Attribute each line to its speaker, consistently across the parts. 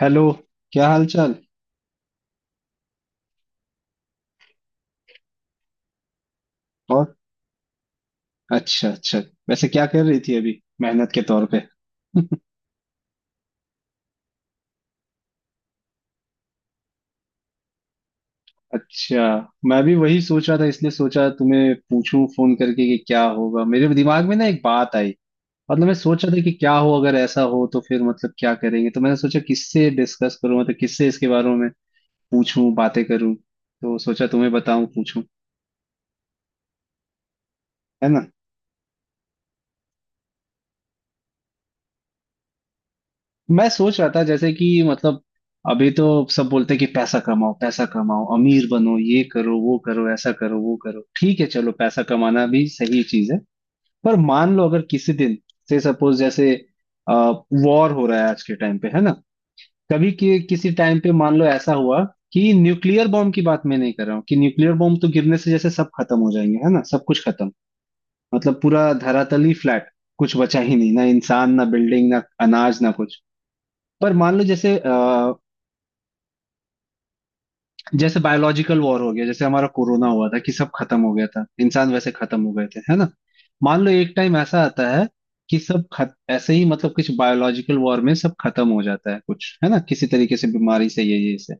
Speaker 1: Hello. क्या हाल चाल। और। अच्छा अच्छा। वैसे क्या कर रही थी अभी, मेहनत के तौर पे? अच्छा। मैं भी वही सोच रहा था, इसलिए सोचा तुम्हें पूछूं फोन करके कि क्या होगा। मेरे दिमाग में ना एक बात आई। मतलब मैं सोच रहा था कि क्या हो, अगर ऐसा हो तो फिर मतलब क्या करेंगे। तो मैंने सोचा किससे डिस्कस करूं, मतलब किससे इसके बारे में पूछूं बातें करूं, तो सोचा तुम्हें बताऊं पूछूं। है। मैं सोच रहा था जैसे कि मतलब, अभी तो सब बोलते हैं कि पैसा कमाओ पैसा कमाओ, अमीर बनो, ये करो वो करो, ऐसा करो वो करो। ठीक है, चलो पैसा कमाना भी सही चीज है। पर मान लो अगर किसी दिन से, सपोज जैसे वॉर हो रहा है आज के टाइम पे, है ना। कभी किसी टाइम पे मान लो ऐसा हुआ कि, न्यूक्लियर बॉम्ब की बात मैं नहीं कर रहा हूँ कि न्यूक्लियर बॉम्ब तो गिरने से जैसे सब खत्म हो जाएंगे, है ना। सब कुछ खत्म, मतलब पूरा धरातल ही फ्लैट। कुछ बचा ही नहीं, ना इंसान, ना बिल्डिंग, ना अनाज, ना कुछ। पर मान लो जैसे जैसे बायोलॉजिकल वॉर हो गया, जैसे हमारा कोरोना हुआ था कि सब खत्म हो गया था, इंसान वैसे खत्म हो गए थे, है ना। मान लो एक टाइम ऐसा आता है कि सब खत, ऐसे ही मतलब कुछ बायोलॉजिकल वॉर में सब खत्म हो जाता है, कुछ है ना किसी तरीके से, बीमारी से, ये से।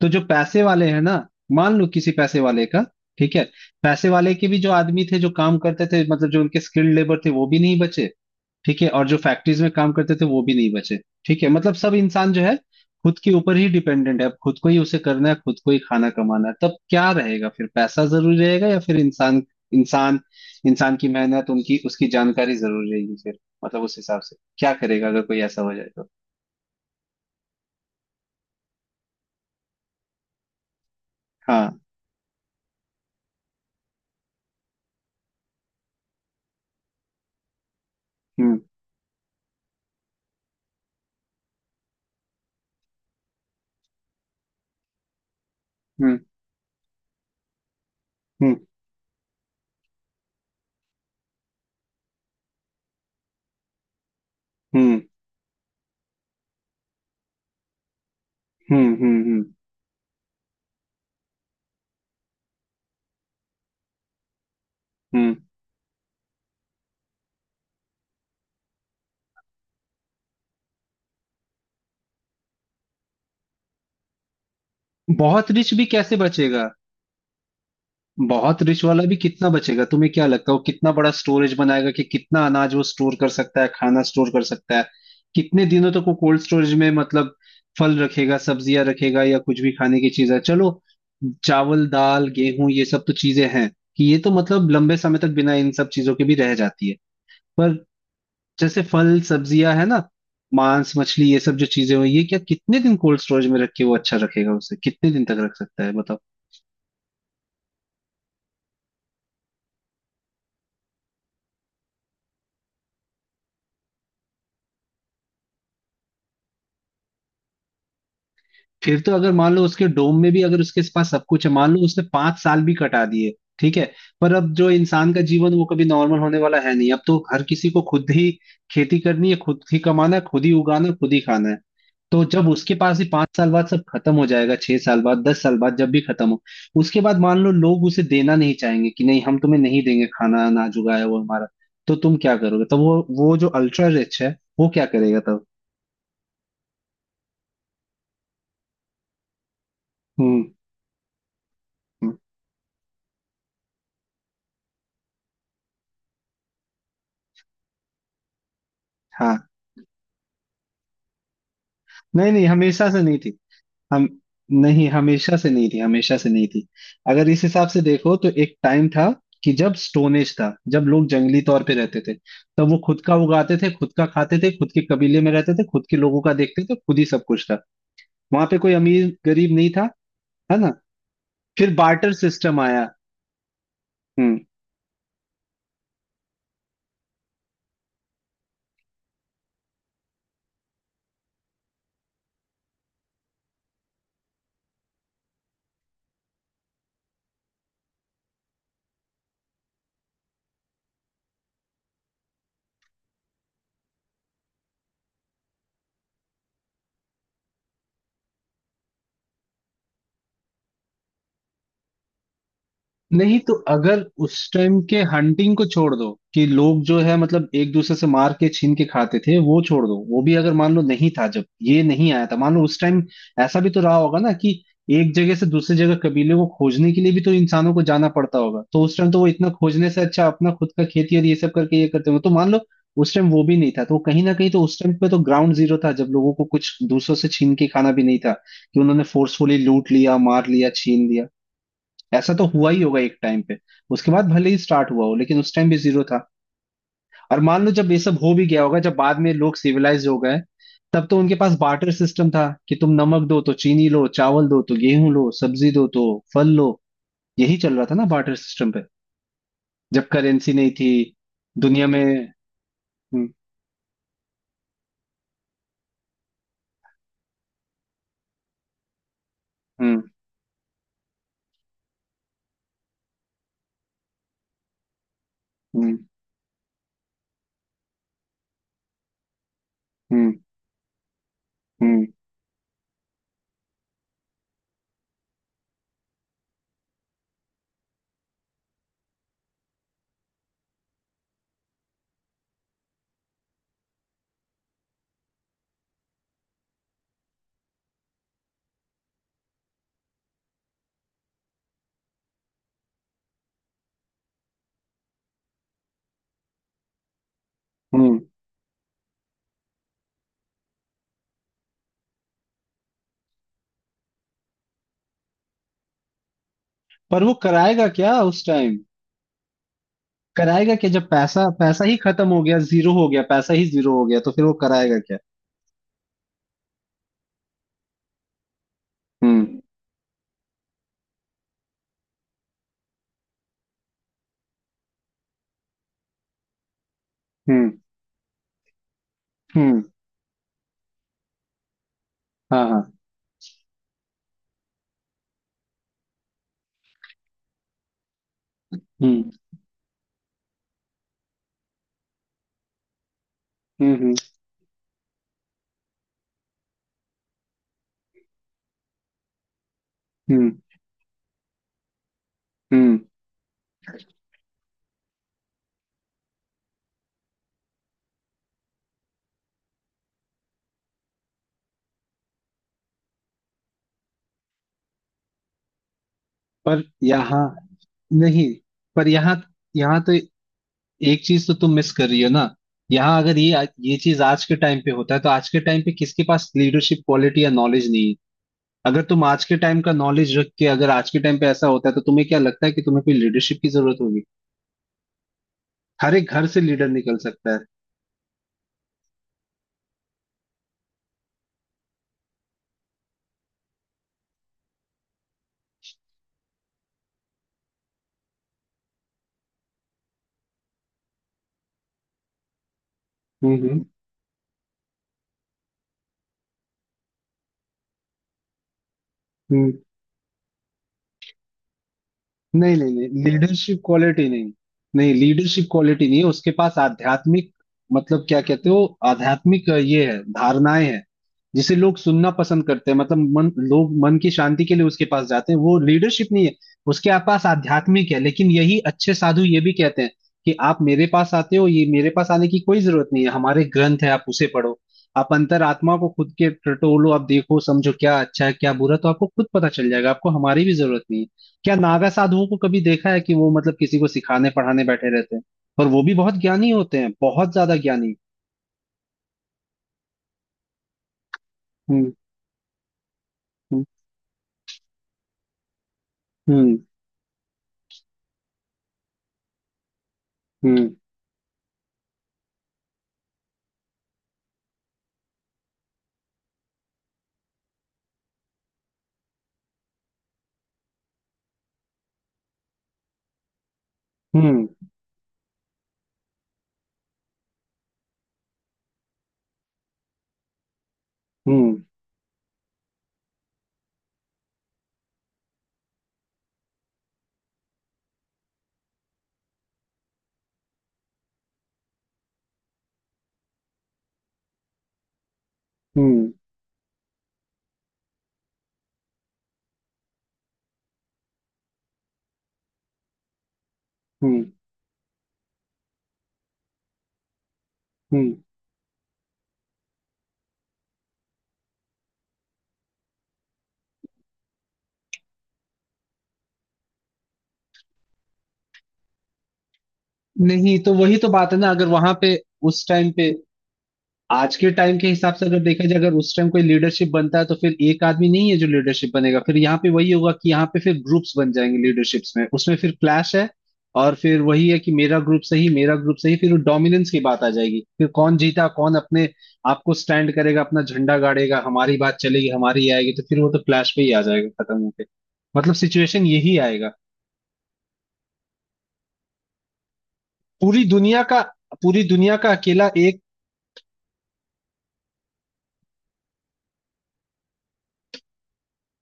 Speaker 1: तो जो पैसे वाले हैं ना, मान लो किसी पैसे वाले का, ठीक है, पैसे वाले के भी जो आदमी थे जो काम करते थे, मतलब जो उनके स्किल्ड लेबर थे, वो भी नहीं बचे। ठीक है, और जो फैक्ट्रीज में काम करते थे वो भी नहीं बचे। ठीक है, मतलब सब इंसान जो है, खुद के ऊपर ही डिपेंडेंट है। अब खुद को ही उसे करना है, खुद को ही खाना कमाना है। तब क्या रहेगा फिर? पैसा जरूरी रहेगा या फिर इंसान? इंसान इंसान की मेहनत, उनकी उसकी जानकारी जरूर रहेगी फिर। मतलब उस हिसाब से क्या करेगा अगर कोई ऐसा हो जाए तो। हाँ। हम्म। हम्म। हम्म। हम्म। हम्म। हम्म। हम्म। हम्म। बहुत रिच भी कैसे बचेगा? बहुत रिच वाला भी कितना बचेगा? तुम्हें क्या लगता है वो कितना बड़ा स्टोरेज बनाएगा, कि कितना अनाज वो स्टोर कर सकता है, खाना स्टोर कर सकता है कितने दिनों तक? वो कोल्ड स्टोरेज में मतलब फल रखेगा, सब्जियां रखेगा, या कुछ भी खाने की चीज है, चलो। चावल दाल गेहूं ये सब तो चीजें हैं कि ये तो मतलब लंबे समय तक बिना इन सब चीजों के भी रह जाती है। पर जैसे फल सब्जियां है ना, मांस मछली, ये सब जो चीजें हुई, ये क्या कितने दिन कोल्ड स्टोरेज में रख के वो अच्छा रखेगा? उसे कितने दिन तक रख सकता है बताओ। फिर तो अगर मान लो उसके डोम में भी, अगर उसके पास सब कुछ है, मान लो उसने 5 साल भी कटा दिए। ठीक है, पर अब जो इंसान का जीवन वो कभी नॉर्मल होने वाला है नहीं। अब तो हर किसी को खुद ही खेती करनी है, खुद ही कमाना है, खुद ही उगाना है, खुद ही खाना है। तो जब उसके पास ही 5 साल बाद सब खत्म हो जाएगा, 6 साल बाद, 10 साल बाद, जब भी खत्म हो, उसके बाद मान लो लोग उसे देना नहीं चाहेंगे कि नहीं, हम तुम्हें नहीं देंगे खाना, अनाज उगाया वो हमारा। तो तुम क्या करोगे तब? वो जो अल्ट्रा रिच है, वो क्या करेगा तब? हम्म। हम्म। हाँ। नहीं नहीं, हमेशा से नहीं थी। हम। नहीं, हमेशा से नहीं थी, हमेशा से नहीं थी। अगर इस हिसाब से देखो तो एक टाइम था कि जब स्टोनेज था, जब लोग जंगली तौर पे रहते थे, तब वो खुद का उगाते थे, खुद का खाते थे, खुद के कबीले में रहते थे, खुद के लोगों का देखते थे, खुद ही सब कुछ था। वहां पे कोई अमीर गरीब नहीं था, है ना। फिर बार्टर सिस्टम आया। हम्म। नहीं, तो अगर उस टाइम के हंटिंग को छोड़ दो कि लोग जो है मतलब एक दूसरे से मार के छीन के खाते थे, वो छोड़ दो, वो भी अगर मान लो नहीं था जब ये नहीं आया था, मान लो उस टाइम ऐसा भी तो रहा होगा ना कि एक जगह से दूसरी जगह कबीले को खोजने के लिए भी तो इंसानों को जाना पड़ता होगा। तो उस टाइम तो वो इतना खोजने से अच्छा अपना खुद का खेती और ये सब करके ये करते हो, तो मान लो उस टाइम वो भी नहीं था तो कहीं ना कहीं तो उस टाइम पे तो ग्राउंड जीरो था, जब लोगों को कुछ दूसरों से छीन के खाना भी नहीं था कि उन्होंने फोर्सफुली लूट लिया, मार लिया, छीन लिया। ऐसा तो हुआ ही होगा एक टाइम पे। उसके बाद भले ही स्टार्ट हुआ हो, लेकिन उस टाइम भी जीरो था। और मान लो जब ये सब हो भी गया होगा, जब बाद में लोग सिविलाइज हो गए, तब तो उनके पास बार्टर सिस्टम था कि तुम नमक दो तो चीनी लो, चावल दो तो गेहूं लो, सब्जी दो तो फल लो। यही चल रहा था ना बार्टर सिस्टम पे, जब करेंसी नहीं थी दुनिया में। हम्म। हम्म। हम्म। हम्म। हम्म। हम्म। पर वो कराएगा क्या उस टाइम? कराएगा क्या जब पैसा, पैसा ही खत्म हो गया, जीरो हो गया, पैसा ही जीरो हो गया तो फिर वो कराएगा क्या? हम्म। हम्म। हम्म। हाँ हाँ। हम्म। हम्म। हम्म। हम्म। हम्म। पर यहाँ, नहीं, पर यहाँ यहाँ तो एक चीज तो तुम मिस कर रही हो ना। यहाँ अगर ये चीज आज के टाइम पे होता है, तो आज के टाइम पे किसके पास लीडरशिप क्वालिटी या नॉलेज नहीं है? अगर तुम आज के टाइम का नॉलेज रख के, अगर आज के टाइम पे ऐसा होता है, तो तुम्हें क्या लगता है कि तुम्हें कोई लीडरशिप की जरूरत होगी? हर एक घर से लीडर निकल सकता है। हम्म। हम्म। हम्म। नहीं नहीं नहीं, लीडरशिप क्वालिटी नहीं। नहीं, लीडरशिप क्वालिटी नहीं है उसके पास, आध्यात्मिक, मतलब क्या कहते हो, आध्यात्मिक ये है, धारणाएं हैं जिसे लोग सुनना पसंद करते हैं, मतलब मन, लोग मन की शांति के लिए उसके पास जाते हैं, वो लीडरशिप नहीं है। उसके आप पास आध्यात्मिक है, लेकिन यही अच्छे साधु ये भी कहते हैं कि आप मेरे पास आते हो, ये मेरे पास आने की कोई जरूरत नहीं है, हमारे ग्रंथ है आप उसे पढ़ो। आप अंतरात्मा को खुद के टटोलो, आप देखो समझो क्या अच्छा है क्या बुरा, तो आपको खुद पता चल जाएगा। आपको हमारी भी जरूरत नहीं है। क्या नागा साधुओं को कभी देखा है कि वो मतलब किसी को सिखाने पढ़ाने बैठे रहते हैं? और वो भी बहुत ज्ञानी होते हैं, बहुत ज्यादा ज्ञानी। हम्म। हम्म। हम्म। हम्म। हम्म। हम्म। हम्म। हम्म। हम्म। नहीं, तो वही तो बात है ना, अगर वहां पे उस टाइम पे, आज के टाइम के हिसाब से अगर देखा जाए, अगर उस टाइम कोई लीडरशिप बनता है तो फिर एक आदमी नहीं है जो लीडरशिप बनेगा, फिर यहाँ पे वही होगा कि यहाँ पे फिर ग्रुप्स बन जाएंगे लीडरशिप्स में, उसमें फिर क्लैश है। और फिर वही है कि मेरा ग्रुप सही, मेरा ग्रुप सही, फिर डोमिनेंस की बात आ जाएगी, फिर कौन जीता, कौन अपने आप को स्टैंड करेगा, अपना झंडा गाड़ेगा, हमारी बात चलेगी, हमारी आएगी, तो फिर वो तो क्लैश पे ही आ जाएगा खत्म होके। मतलब सिचुएशन यही आएगा। पूरी दुनिया का, पूरी दुनिया का अकेला एक।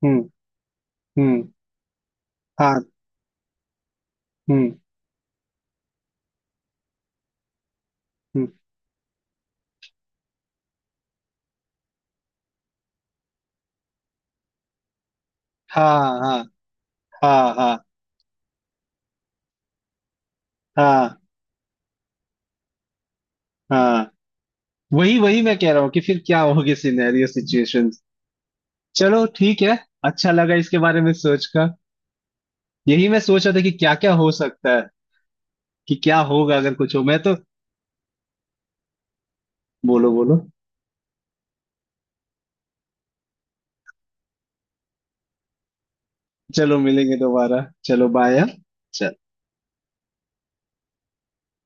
Speaker 1: हम्म। हम्म। हाँ। हम्म। हम्म। हाँ हाँ हाँ हाँ हाँ हाँ। वही वही मैं कह रहा हूँ कि फिर क्या होगी सिनेरियो सिचुएशन। चलो ठीक है। अच्छा लगा इसके बारे में सोच कर। यही मैं सोच रहा था कि क्या क्या हो सकता है, कि क्या होगा अगर कुछ हो। मैं तो, बोलो बोलो। चलो मिलेंगे दोबारा, चलो बाय।